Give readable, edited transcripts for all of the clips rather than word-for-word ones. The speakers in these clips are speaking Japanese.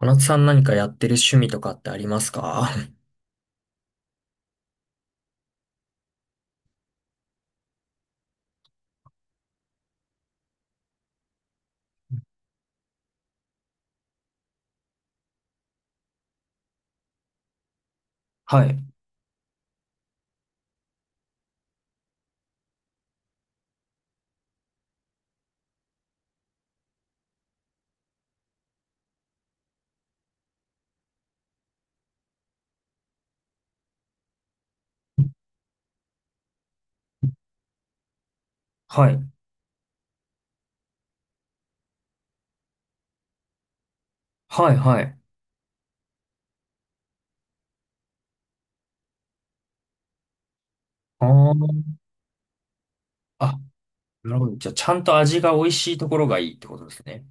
小夏さん何かやってる趣味とかってありますか？ はい。はい。はい。はい。あーあ、なるほど。じゃあ、ちゃんと味が美味しいところがいいってことですね。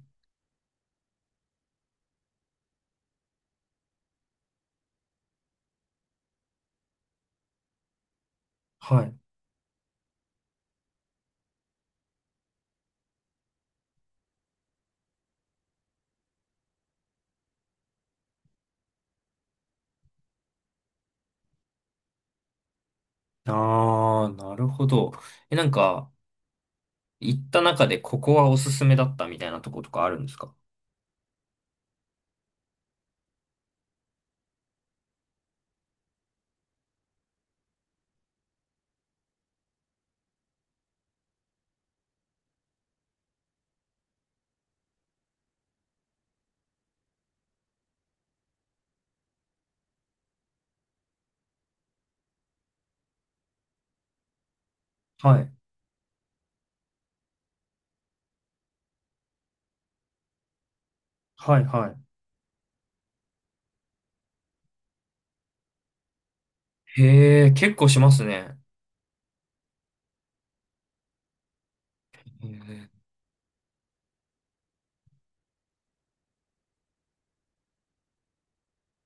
はい。ああ、なるほど。え、なんか、行った中でここはおすすめだったみたいなとことかあるんですか？はい。はい。はい。へえ、結構しますね。へー。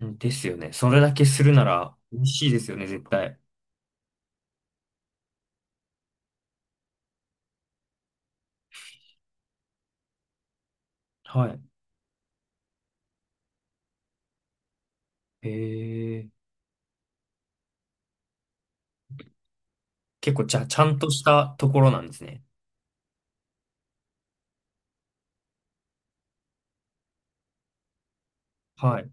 ですよね。それだけするなら美味しいですよね、絶対。はい。へえ、結構じゃあ、ちゃんとしたところなんですね。はい。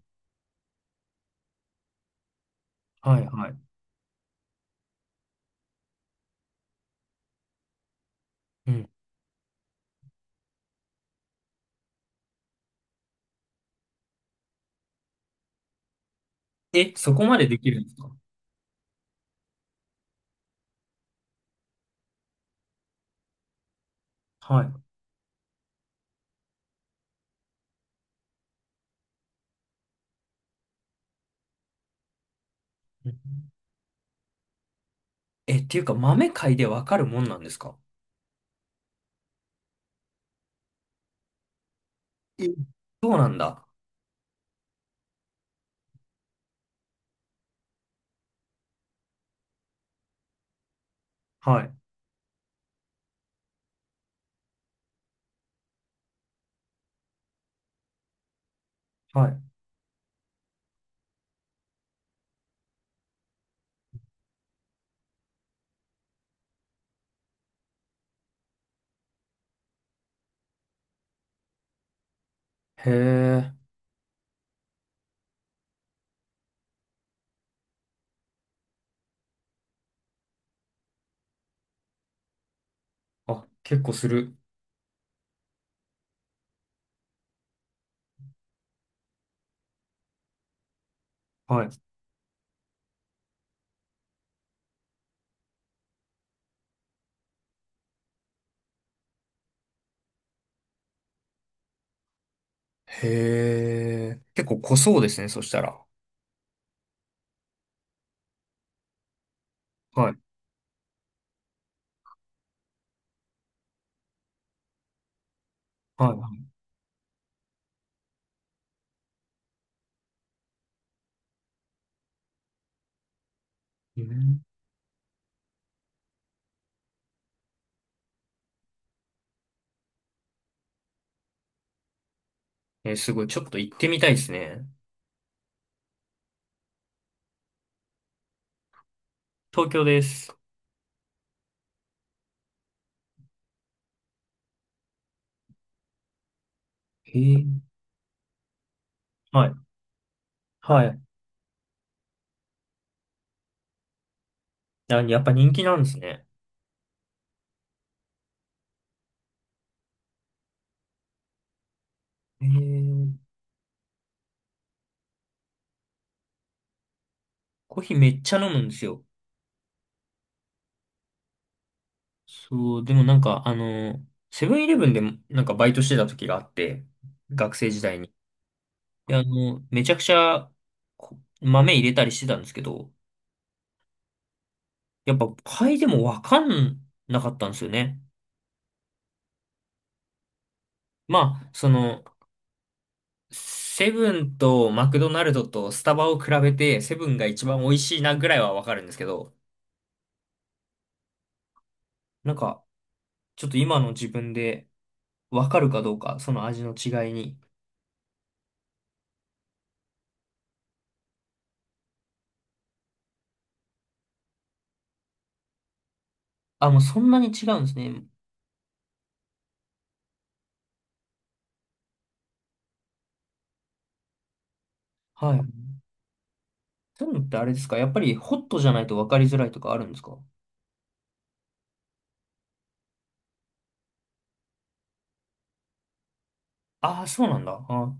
はい。はい。うん。え、そこまでできるんですか？はい。うん。え、っていうか、豆買いでわかるもんなんですか？え、そうなんだ。はい。はい。へえ。あ、結構する。はい。へえ。結構濃そうですね、そしたら。はい。はい。うん。えすごい。ちょっと行ってみたいですね。東京です。へえ。はい。はい。あ、やっぱ人気なんですね。へえ。コーヒーめっちゃ飲むんですよ。そう、でもなんか、セブンイレブンでもなんかバイトしてた時があって、学生時代に。で、めちゃくちゃこ豆入れたりしてたんですけど、やっぱ買いでもわかんなかったんですよね。まあ、その、セブンとマクドナルドとスタバを比べて、セブンが一番美味しいなぐらいはわかるんですけど、なんか、ちょっと今の自分でわかるかどうか、その味の違いに。あ、もうそんなに違うんですね。はい。そういうのってあれですか？やっぱりホットじゃないと分かりづらいとかあるんですか？ああー、そうなんだ。あ、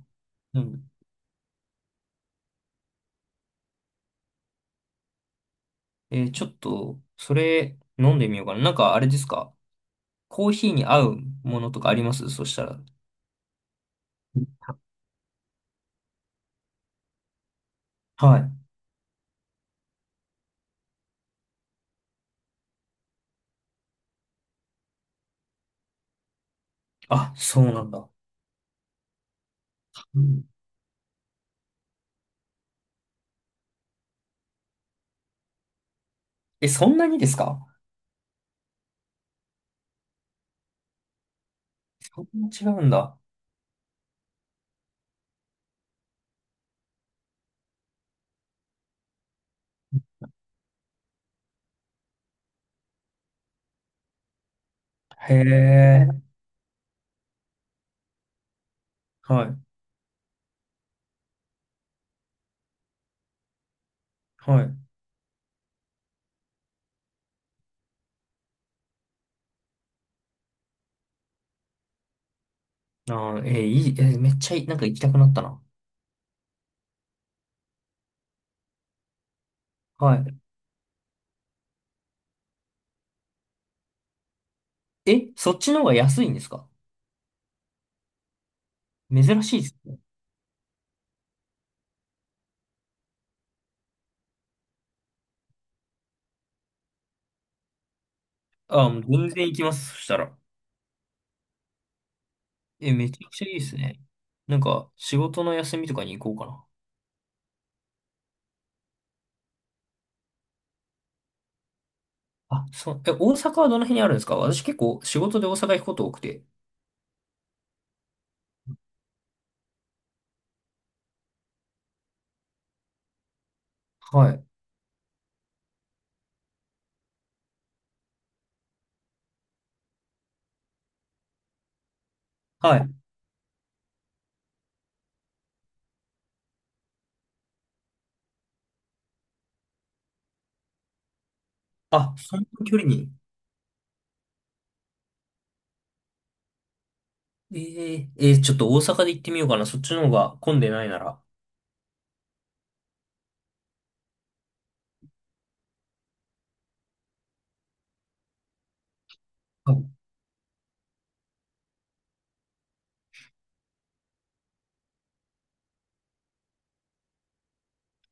うん。えーちょっと、それ飲んでみようかな。なんかあれですか？コーヒーに合うものとかありますそしたら。はい。あ、そうなんだ。うん。え、そんなにですか？そんな違うんだ。へえ。はい。はい。あー、えーいい、えーめっちゃいい、なんか行きたくなったな。はい。え、そっちの方が安いんですか？珍しいですね。あー、もう全然行きます。そしたら。え、めちゃくちゃいいですね。なんか、仕事の休みとかに行こうかな。あ、そう、え、大阪はどの辺にあるんですか？私結構仕事で大阪行くこと多くて。はい。はい。あ、そんな距離に。えええーちょっと大阪で行ってみようかな。そっちの方が混んでないなら。はい。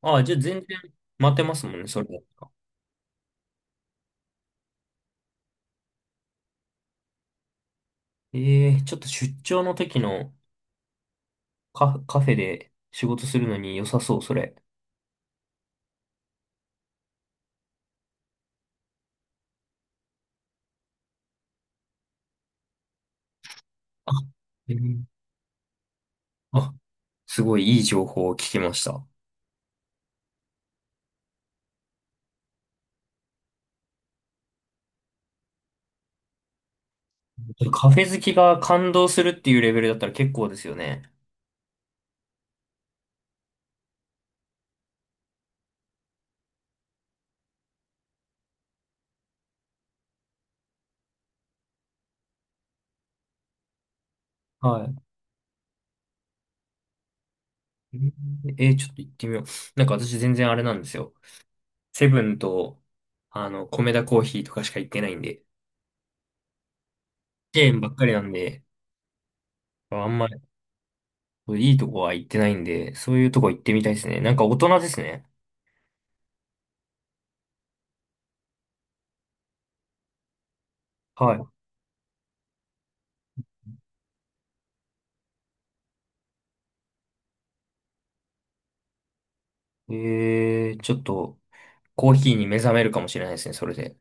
あ、じゃあ全然待てますもんね、それだったら。ええちょっと出張の時のカフ、カフェで仕事するのに良さそう、それ。あ、えー、あ、すごいいい情報を聞きました。カフェ好きが感動するっていうレベルだったら結構ですよね。はい。えー、ちょっと行ってみよう。なんか私全然あれなんですよ。セブンと、コメダコーヒーとかしか行ってないんで、チェーンばっかりなんで、あんまりいいとこは行ってないんで、そういうとこ行ってみたいですね。なんか大人ですね。はい。えー、ちょっと、コーヒーに目覚めるかもしれないですね、それで。